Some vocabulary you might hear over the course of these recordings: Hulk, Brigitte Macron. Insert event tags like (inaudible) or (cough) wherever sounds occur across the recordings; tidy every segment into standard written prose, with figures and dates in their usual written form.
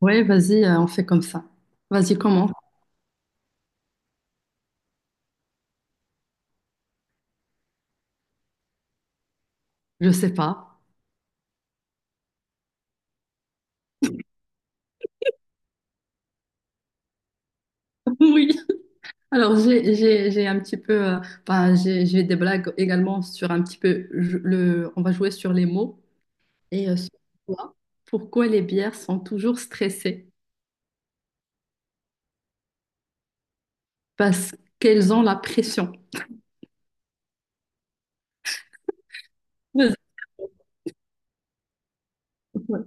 Ouais, vas-y, on fait comme ça. Vas-y, comment? Je sais pas. (laughs) Oui. Alors, j'ai un petit peu, j'ai des blagues également sur un petit peu on va jouer sur les mots et sur quoi- pourquoi les bières sont toujours stressées? Parce qu'elles ont la pression. Vas-y. Ouais,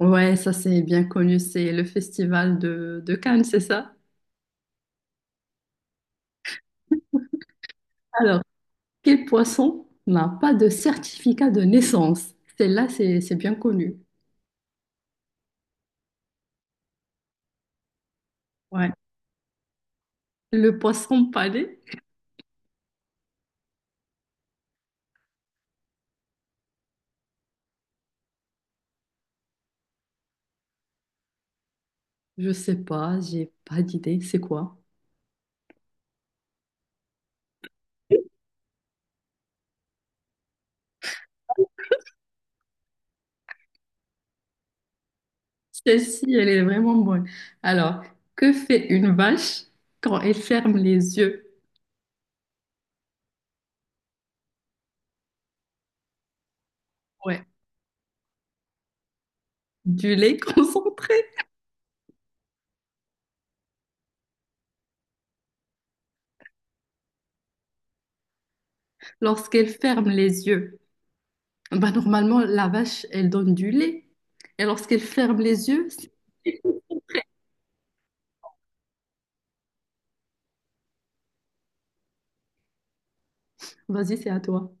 ouais, ça c'est bien connu, c'est le festival de Cannes, c'est ça? Alors, quel poisson n'a pas de certificat de naissance? Celle-là, c'est bien connu. Ouais. Le poisson pané. Je sais pas, j'ai pas d'idée. C'est quoi? Celle-ci, elle est vraiment bonne. Alors, que fait une vache quand elle ferme les yeux? Ouais. Du lait (laughs) concentré lorsqu'elle ferme les yeux. Bah, normalement, la vache, elle donne du lait. Et lorsqu'elle ferme les yeux, vas-y, c'est à toi.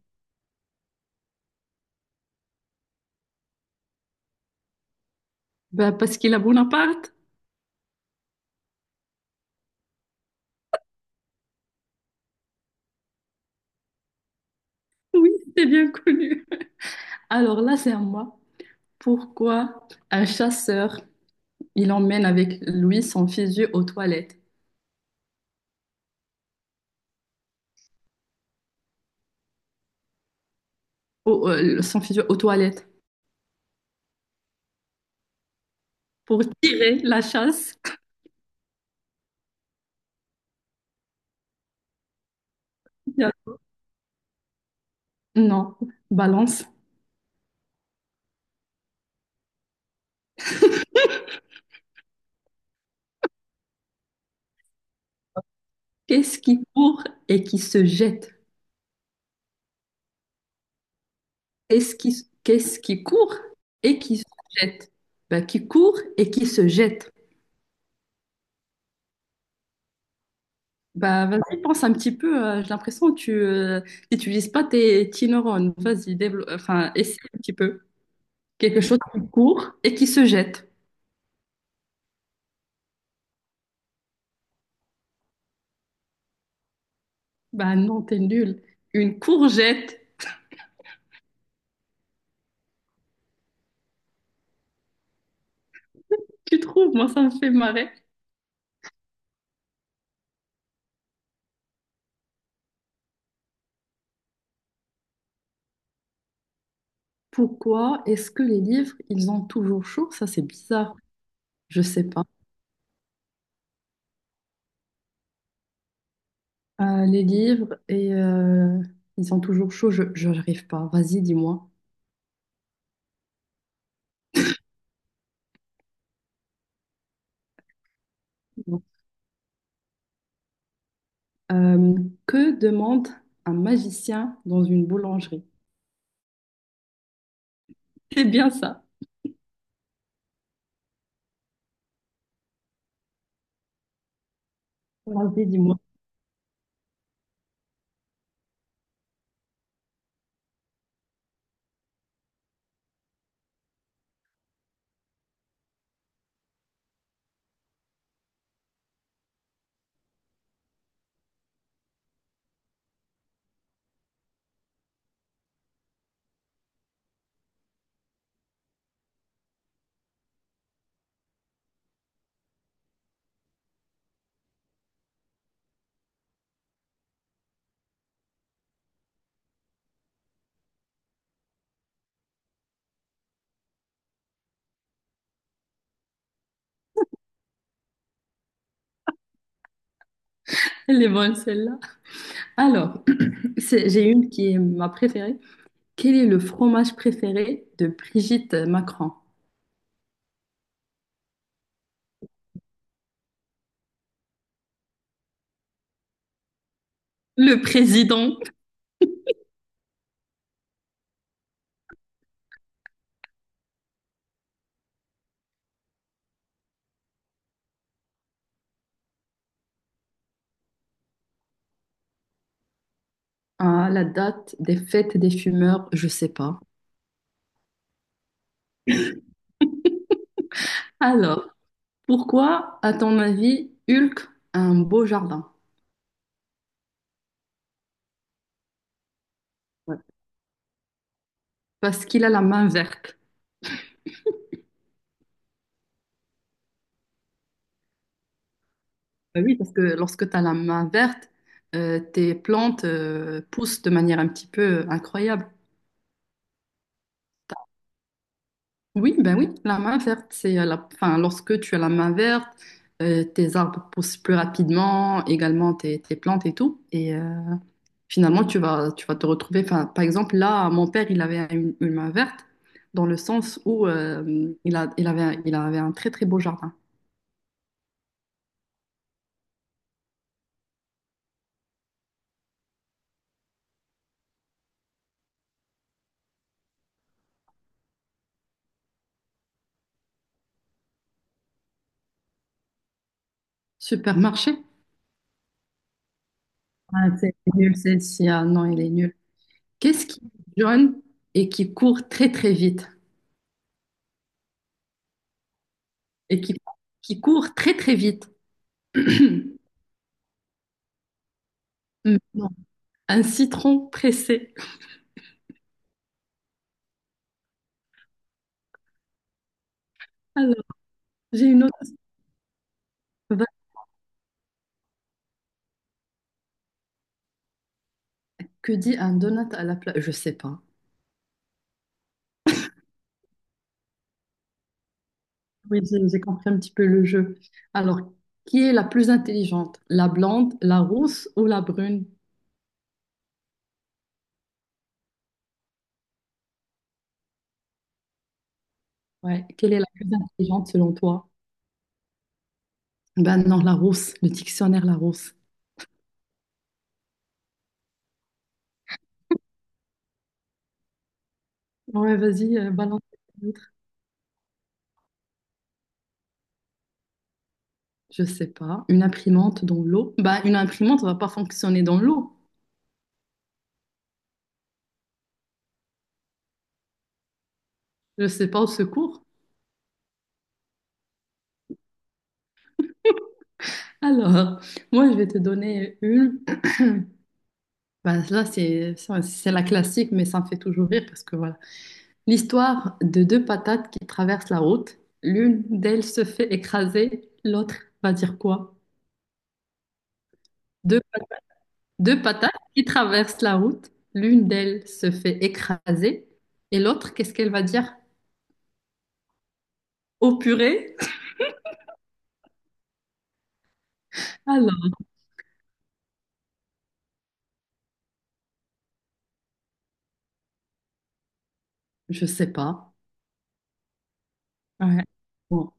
Bah, parce qu'il a Bonaparte. Oui, c'est bien connu. Alors là, c'est à moi. Pourquoi un chasseur, il emmène avec lui son fusil aux toilettes? Son fusil aux toilettes. Pour tirer la chasse, non, balance. Qu'est-ce qui court et qui se jette? Qu'est-ce qui court et qui se jette? Bah, qui court et qui se jette. Bah, vas-y, pense un petit peu. J'ai l'impression que tu n'utilises pas tes petits neurones. Vas-y, développe, enfin, essaie un petit peu. Quelque chose qui court et qui se jette. Bah non, t'es nul. Une courgette. Tu trouves? Moi, ça me fait marrer. Pourquoi est-ce que les livres, ils ont toujours chaud? Ça, c'est bizarre. Je sais pas. Les livres, et ils sont toujours chauds, je n'arrive pas. Vas-y, dis-moi. Euh, que demande un magicien dans une boulangerie? C'est bien ça. Vas-y, dis-moi. Elle est bonne, celle-là. Alors, (clears throat) j'ai une qui est ma préférée. Quel est le fromage préféré de Brigitte Macron? Le président. Ah, la date des fêtes des fumeurs, je sais pas. Alors, pourquoi, à ton avis, Hulk a un beau jardin? Parce qu'il a la main verte. Bah oui, parce que lorsque tu as la main verte, tes plantes poussent de manière un petit peu incroyable. Oui, ben oui, la main verte, c'est la... Enfin, lorsque tu as la main verte, tes arbres poussent plus rapidement, également tes plantes et tout. Et finalement, tu vas te retrouver... Enfin, par exemple, là, mon père, il avait une main verte dans le sens où il avait un très, très beau jardin. Supermarché? Ah, c'est nul celle-ci. Ah non, elle est nulle. Qu'est-ce qui est jaune et qui court très très vite? Et qui court très très vite. (clears throat) Non. Un citron pressé. Alors, j'ai une autre. Vague. Que dit un donut à la place? Je sais pas. Oui, j'ai compris un petit peu le jeu. Alors, qui est la plus intelligente? La blonde, la rousse ou la brune? Ouais, quelle est la plus intelligente selon toi? Ben non, la rousse, le dictionnaire la rousse. Ouais, vas-y, balance. Je sais pas. Une imprimante dans l'eau? Bah, une imprimante va pas fonctionner dans l'eau. Je sais pas, au secours. Alors, moi, je vais te donner une. Bah, là, c'est ça, c'est la classique, mais ça me fait toujours rire parce que voilà. L'histoire de deux patates qui traversent la route. L'une d'elles se fait écraser, l'autre va dire quoi? Deux, deux patates qui traversent la route. L'une d'elles se fait écraser et l'autre, qu'est-ce qu'elle va dire? Au purée? Alors, je sais pas. Ouais. Bon.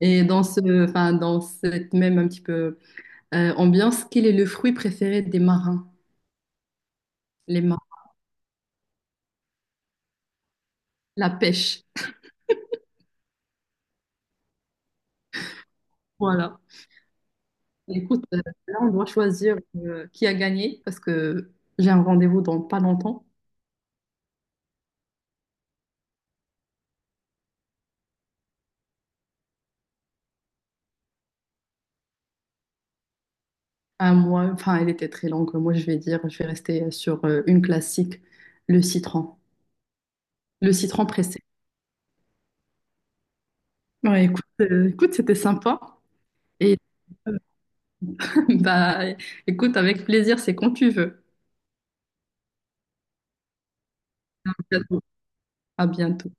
Et dans ce, enfin, dans cette même un petit peu ambiance, quel est le fruit préféré des marins? Les marins, la pêche. Voilà. Écoute, là, on doit choisir qui a gagné parce que j'ai un rendez-vous dans pas longtemps. Un mois, enfin, elle était très longue. Moi, je vais dire, je vais rester sur une classique, le citron. Le citron pressé. Ouais, écoute, écoute, c'était sympa. Et (laughs) bah, écoute, avec plaisir, c'est quand tu veux. À bientôt. À bientôt.